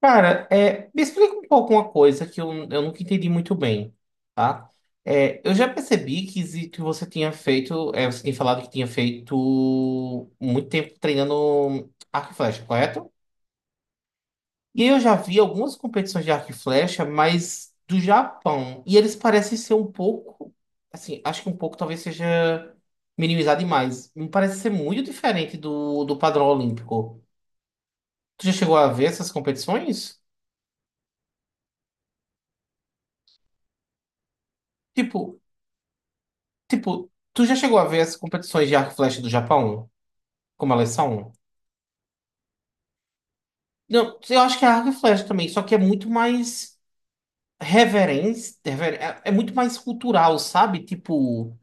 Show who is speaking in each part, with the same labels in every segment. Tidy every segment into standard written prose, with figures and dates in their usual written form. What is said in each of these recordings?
Speaker 1: Cara, me explica um pouco uma coisa que eu nunca entendi muito bem, tá? Eu já percebi que você tinha feito, você tinha falado que tinha feito muito tempo treinando arco e flecha, correto? E eu já vi algumas competições de arco e flecha, mas do Japão. E eles parecem ser um pouco, assim, acho que um pouco talvez seja minimizado demais. Me parece ser muito diferente do padrão olímpico. Tu já chegou a ver essas competições? Tipo Tipo, tu já chegou a ver as competições de arco e flecha do Japão? Como elas são? Não, eu acho que é arco e flecha também, só que é muito mais reverência, é muito mais cultural, sabe? Tipo,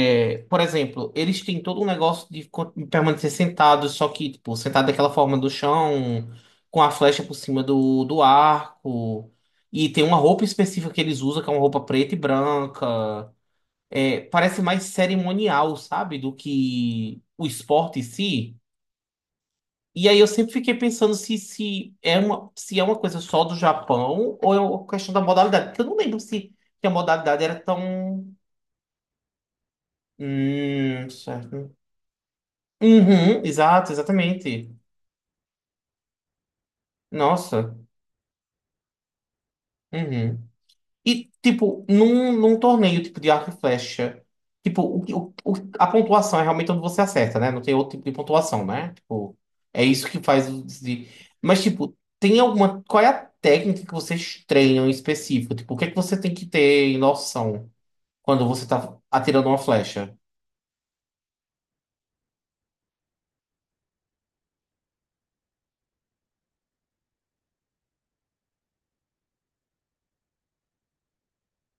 Speaker 1: por exemplo, eles têm todo um negócio permanecer sentados, só que, tipo, sentado daquela forma do chão, com a flecha por cima do arco. E tem uma roupa específica que eles usam, que é uma roupa preta e branca. Parece mais cerimonial, sabe? Do que o esporte em si. E aí eu sempre fiquei pensando se, se é uma coisa só do Japão ou é uma questão da modalidade. Porque eu não lembro se a modalidade era tão. Certo. Uhum, exato, exatamente. Nossa. Uhum. E, tipo, num torneio tipo de arco e flecha, tipo, o, que- o- a pontuação é realmente onde você acerta, né? Não tem outro tipo de pontuação, né? Tipo, é isso que faz o de. Mas, tipo, tem alguma. Qual é a técnica que vocês treinam em específico? Tipo, o que é que você tem que ter em noção quando você tá atirando uma flecha?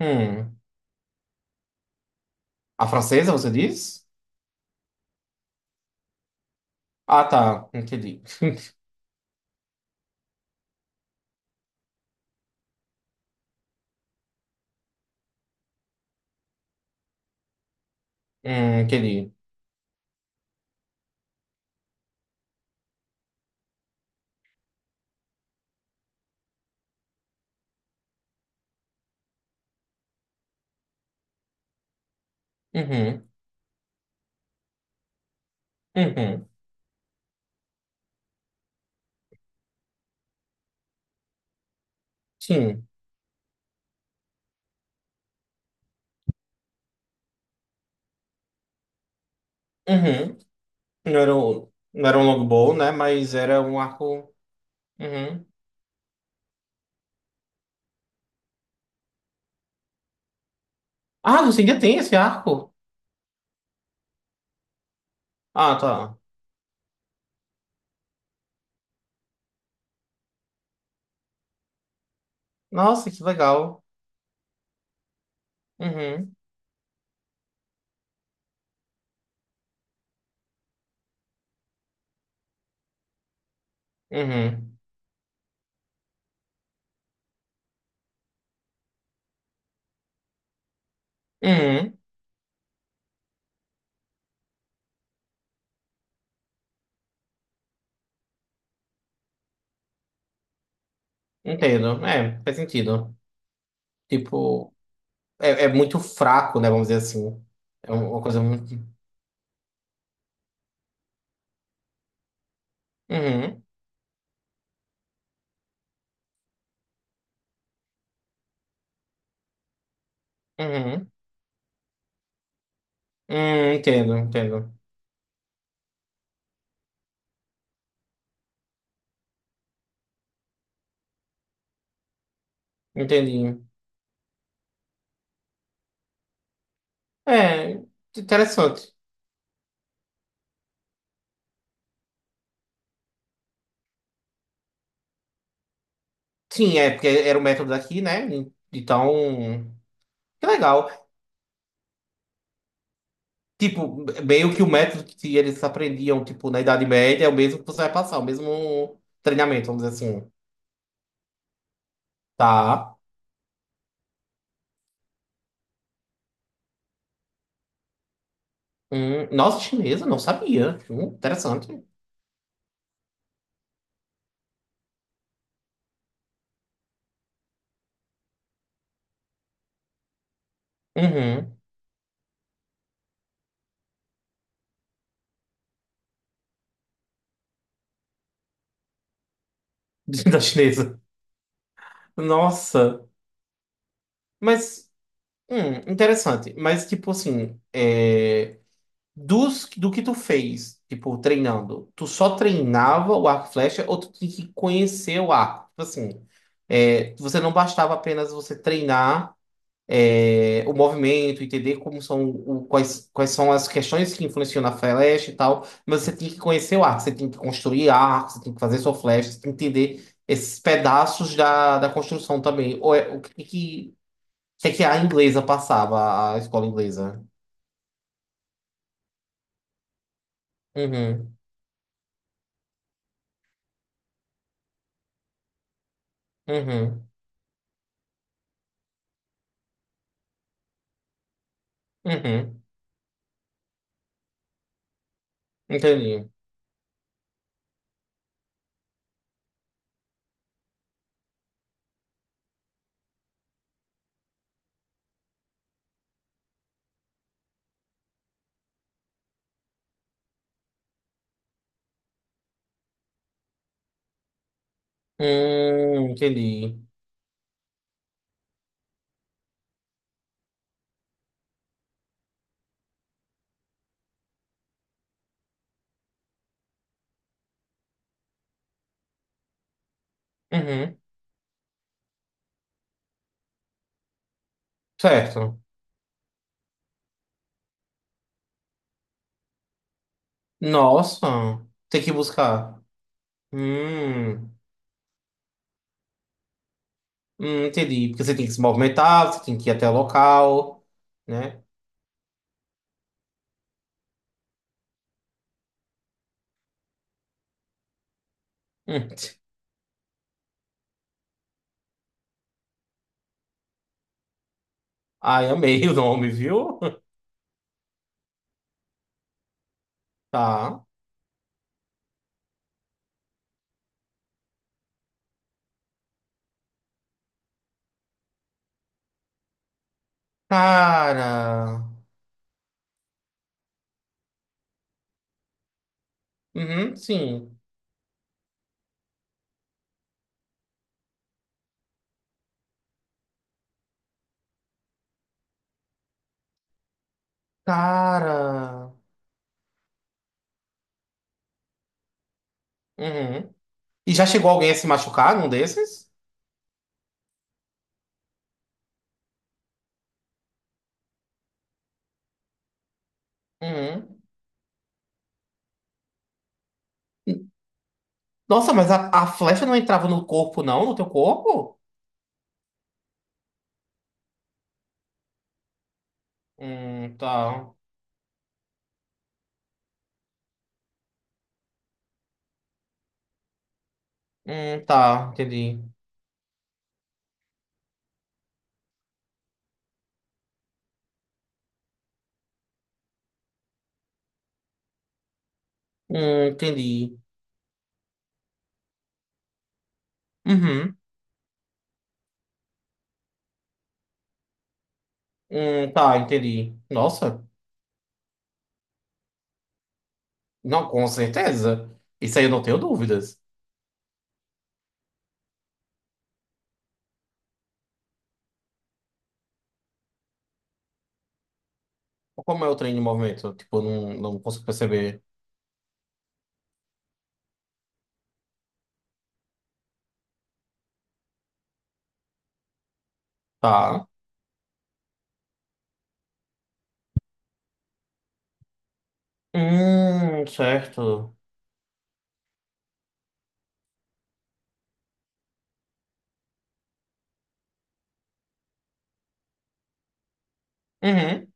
Speaker 1: Hum. A francesa, você diz? Ah, tá. Entendi. Entendi. Uhum. Uhum. Sim. Uhum. Não era um longbow, né? Mas era um arco. Uhum. Ah, você ainda tem esse arco? Ah, tá. Nossa, que legal. Uhum, uhum, uhum. Entendo. É, faz sentido. Tipo, é muito fraco, né? Vamos dizer assim. É uma coisa muito. Uhum, uhum. Entendo, entendo. Entendi. É, interessante. Sim, porque era o método daqui, né? Então, que legal. Tipo, meio que o método que eles aprendiam, tipo, na Idade Média é o mesmo que você vai passar, o mesmo treinamento, vamos dizer assim. Tá. Nossa, chinesa, não sabia. Interessante. Uhum. Da chinesa. Nossa. Mas, interessante. Mas, tipo assim, do que tu fez, tipo, treinando, tu só treinava o arco e flecha ou tu tinha que conhecer o arco? Tipo assim, você não bastava apenas você treinar. O movimento, entender quais são as questões que influenciam na flecha e tal, mas você tem que conhecer o arco, você tem que construir arco, você tem que fazer sua flecha, você tem que entender esses pedaços da construção também. Ou é- o que que, O que é que a inglesa passava, a escola inglesa? Uhum, uhum, uhum, entendi. Entendi. Uhum, certo. Nossa, tem que buscar. Hum. Entendi. Porque você tem que se movimentar, você tem que ir até o local, né? Hum. Ai, amei o nome, viu? Tá. Cara. Uhum, sim. Cara. Uhum. E já chegou alguém a se machucar num desses? Uhum. Nossa, mas a flecha não entrava no corpo, não? No teu corpo? Tá. Tá, entendi. Entendi. Uhum. Tá, entendi. Nossa, não, com certeza. Isso aí eu não tenho dúvidas. Como é o trem de movimento? Tipo, não consigo perceber. Tá. Certo. Uhum.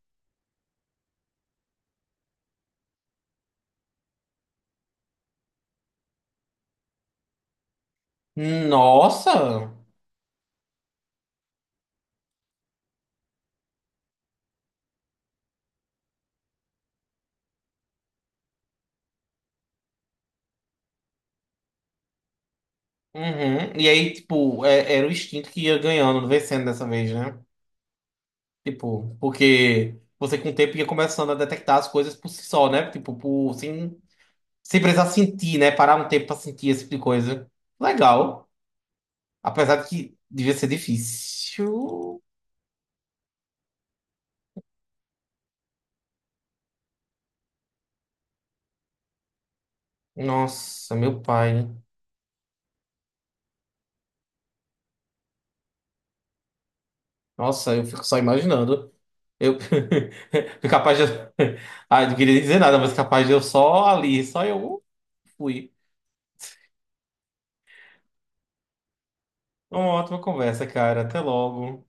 Speaker 1: Nossa! Uhum. E aí, tipo, era o instinto que ia ganhando, vencendo dessa vez, né? Tipo, porque você com o tempo ia começando a detectar as coisas por si só, né? Tipo, por, sem, sem precisar sentir, né? Parar um tempo pra sentir esse tipo de coisa. Legal. Apesar de que devia ser difícil. Nossa, meu pai. Nossa, eu fico só imaginando. Eu capaz de. Ah, não queria dizer nada, mas capaz de eu só ali, só eu fui. Uma ótima conversa, cara. Até logo.